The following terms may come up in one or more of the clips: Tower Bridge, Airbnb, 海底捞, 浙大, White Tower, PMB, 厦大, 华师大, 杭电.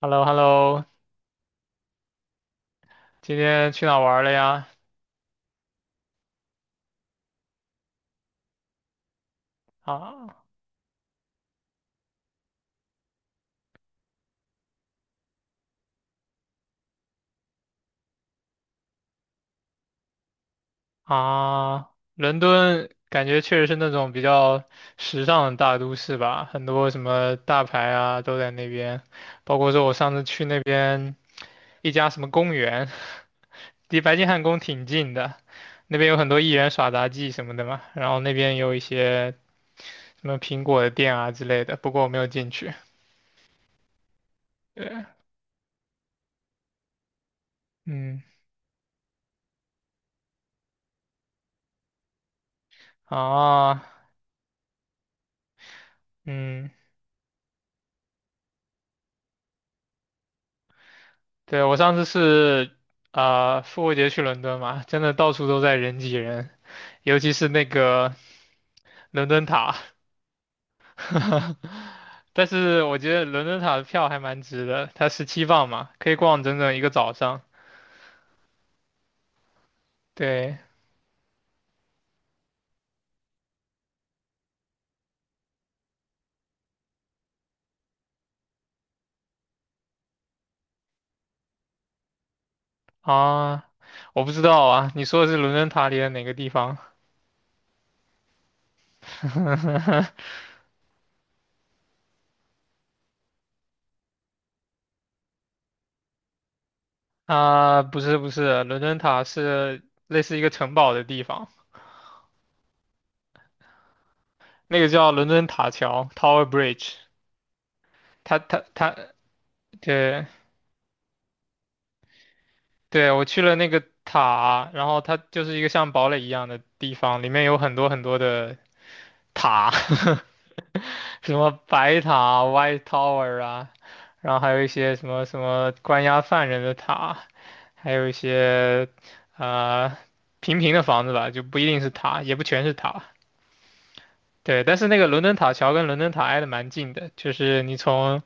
h e l l o h e l l o 今天去哪儿玩儿了呀？啊啊，伦敦感觉确实是那种比较时尚的大都市吧，很多什么大牌啊都在那边，包括说我上次去那边一家什么公园，离白金汉宫挺近的，那边有很多艺人耍杂技什么的嘛，然后那边有一些什么苹果的店啊之类的，不过我没有进去。对，嗯，啊，嗯。对，我上次是复活节去伦敦嘛，真的到处都在人挤人，尤其是那个伦敦塔。但是我觉得伦敦塔的票还蛮值的，它17磅嘛，可以逛整整一个早上。对啊，我不知道啊，你说的是伦敦塔里的哪个地方？啊，不是不是，伦敦塔是类似一个城堡的地方，那个叫伦敦塔桥 （Tower Bridge）。它它它，对对，我去了那个塔，然后它就是一个像堡垒一样的地方，里面有很多很多的塔，什么白塔 （White Tower） 啊，然后还有一些什么什么关押犯人的塔，还有一些呃平平的房子吧，就不一定是塔，也不全是塔。对，但是那个伦敦塔桥跟伦敦塔挨得蛮近的，就是你从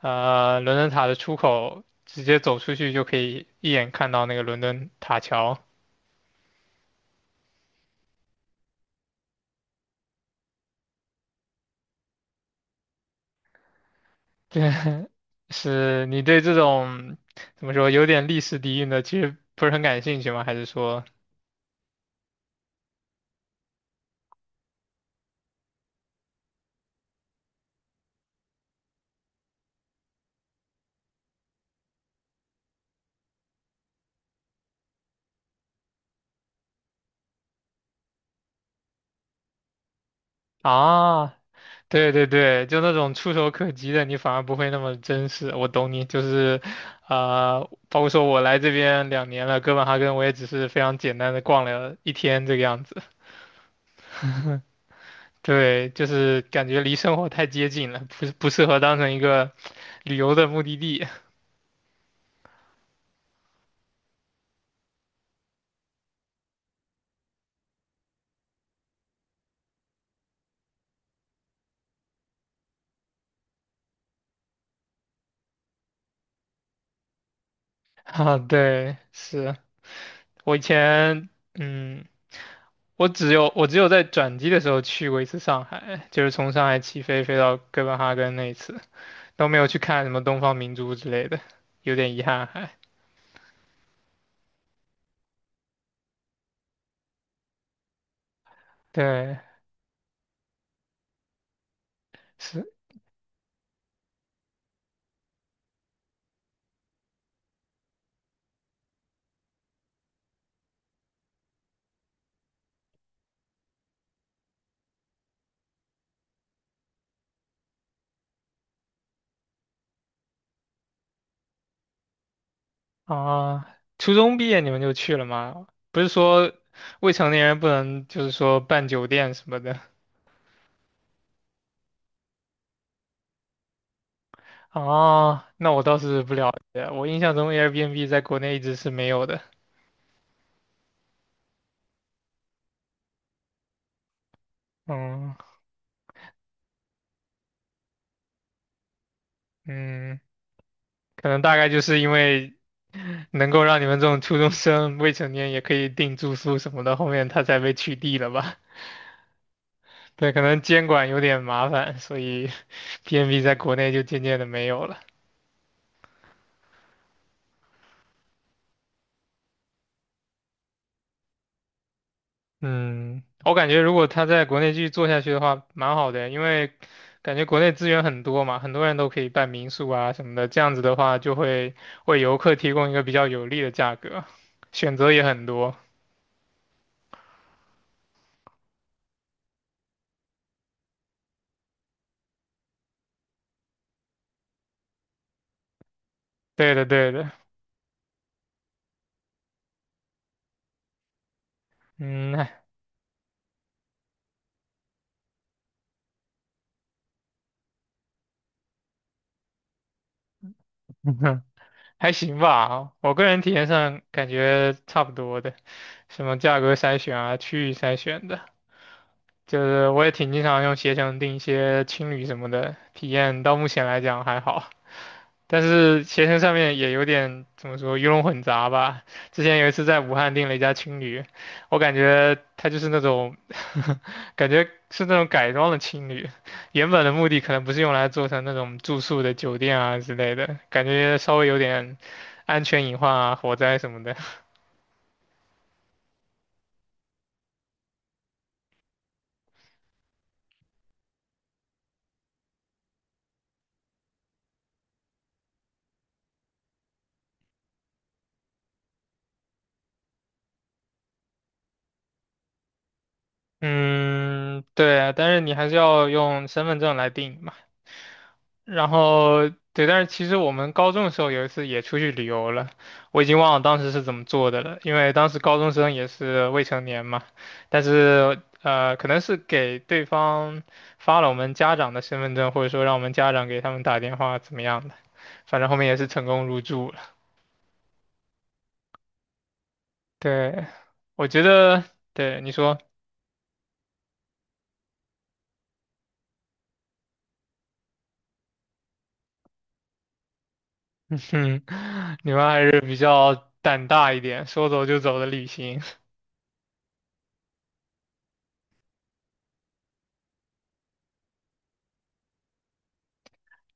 伦敦塔的出口直接走出去就可以一眼看到那个伦敦塔桥。对，是你对这种怎么说有点历史底蕴的，其实不是很感兴趣吗？还是说啊，对对对，就那种触手可及的，你反而不会那么真实。我懂你，就是啊，包括说我来这边2年了，哥本哈根我也只是非常简单的逛了一天这个样子。对，就是感觉离生活太接近了，不是不适合当成一个旅游的目的地 啊。对，是我以前。嗯，我只有在转机的时候去过一次上海，就是从上海起飞飞到哥本哈根那一次，都没有去看什么东方明珠之类的，有点遗憾还。对，是啊，初中毕业你们就去了吗？不是说未成年人不能就是说办酒店什么的哦，那我倒是不了解，我印象中 Airbnb 在国内一直是没有的。嗯嗯。可能大概就是因为能够让你们这种初中生、未成年也可以订住宿什么的，后面他才被取缔了吧？对，可能监管有点麻烦，所以 PMB 在国内就渐渐的没有了。嗯，我感觉如果他在国内继续做下去的话，蛮好的，因为感觉国内资源很多嘛，很多人都可以办民宿啊什么的，这样子的话就会为游客提供一个比较有利的价格，选择也很多。对的，对的，嗯。还行吧，我个人体验上感觉差不多的，什么价格筛选啊、区域筛选的。就是我也挺经常用携程订一些青旅什么的，体验到目前来讲还好。但是携程上面也有点怎么说鱼龙混杂吧。之前有一次在武汉订了一家青旅，我感觉它就是那种，感觉是那种改装的青旅，原本的目的可能不是用来做成那种住宿的酒店啊之类的，感觉稍微有点安全隐患啊、火灾什么的。嗯，对啊，但是你还是要用身份证来订嘛。然后对，但是其实我们高中的时候有一次也出去旅游了，我已经忘了当时是怎么做的了，因为当时高中生也是未成年嘛，但是可能是给对方发了我们家长的身份证，或者说让我们家长给他们打电话怎么样的，反正后面也是成功入住了。对，我觉得对你说，嗯，你们还是比较胆大一点，说走就走的旅行。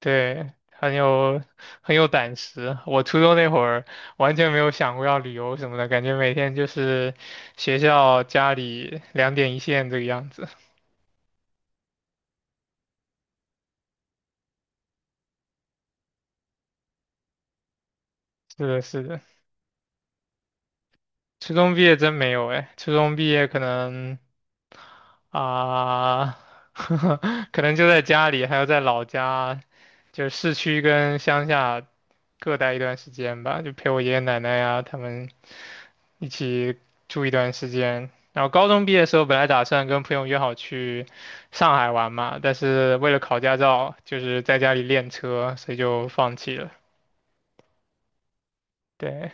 对，很有胆识。我初中那会儿完全没有想过要旅游什么的，感觉每天就是学校、家里两点一线这个样子。是的，是的，初中毕业真没有哎，初中毕业可能啊，可能就在家里，还要在老家，就是市区跟乡下各待一段时间吧，就陪我爷爷奶奶呀、他们一起住一段时间。然后高中毕业的时候，本来打算跟朋友约好去上海玩嘛，但是为了考驾照，就是在家里练车，所以就放弃了。对，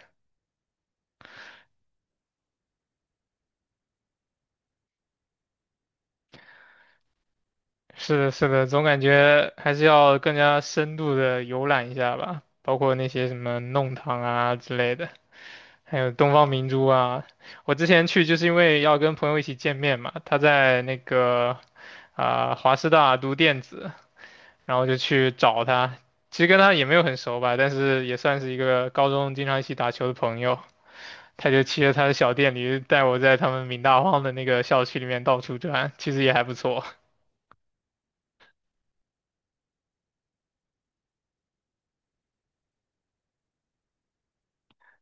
是的，是的，总感觉还是要更加深度的游览一下吧，包括那些什么弄堂啊之类的，还有东方明珠啊。我之前去就是因为要跟朋友一起见面嘛，他在那个华师大读电子，然后就去找他。其实跟他也没有很熟吧，但是也算是一个高中经常一起打球的朋友。他就骑着他的小电驴带我在他们闽大荒的那个校区里面到处转，其实也还不错。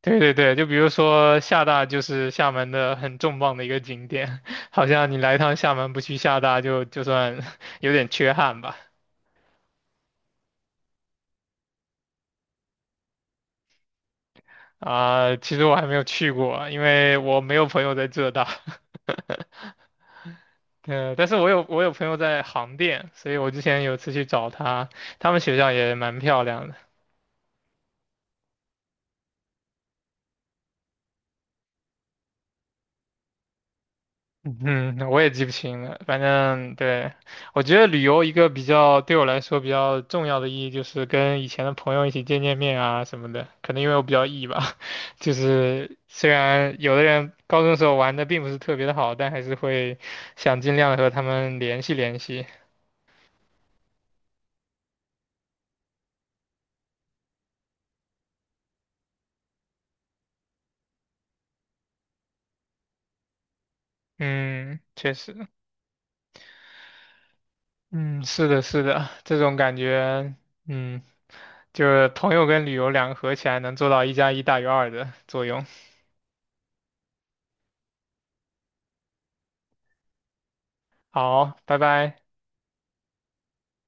对对对，就比如说厦大就是厦门的很重磅的一个景点，好像你来一趟厦门不去厦大就算 有点缺憾吧。其实我还没有去过，因为我没有朋友在浙大。对，但是我有朋友在杭电，所以我之前有次去找他，他们学校也蛮漂亮的。嗯，我也记不清了，反正对，我觉得旅游一个比较对我来说比较重要的意义就是跟以前的朋友一起见见面啊什么的。可能因为我比较 E 吧，就是虽然有的人高中时候玩的并不是特别的好，但还是会想尽量地和他们联系联系。嗯，确实。嗯，是的，是的，这种感觉，嗯，就是朋友跟旅游两个合起来能做到一加一大于二的作用。好，拜拜。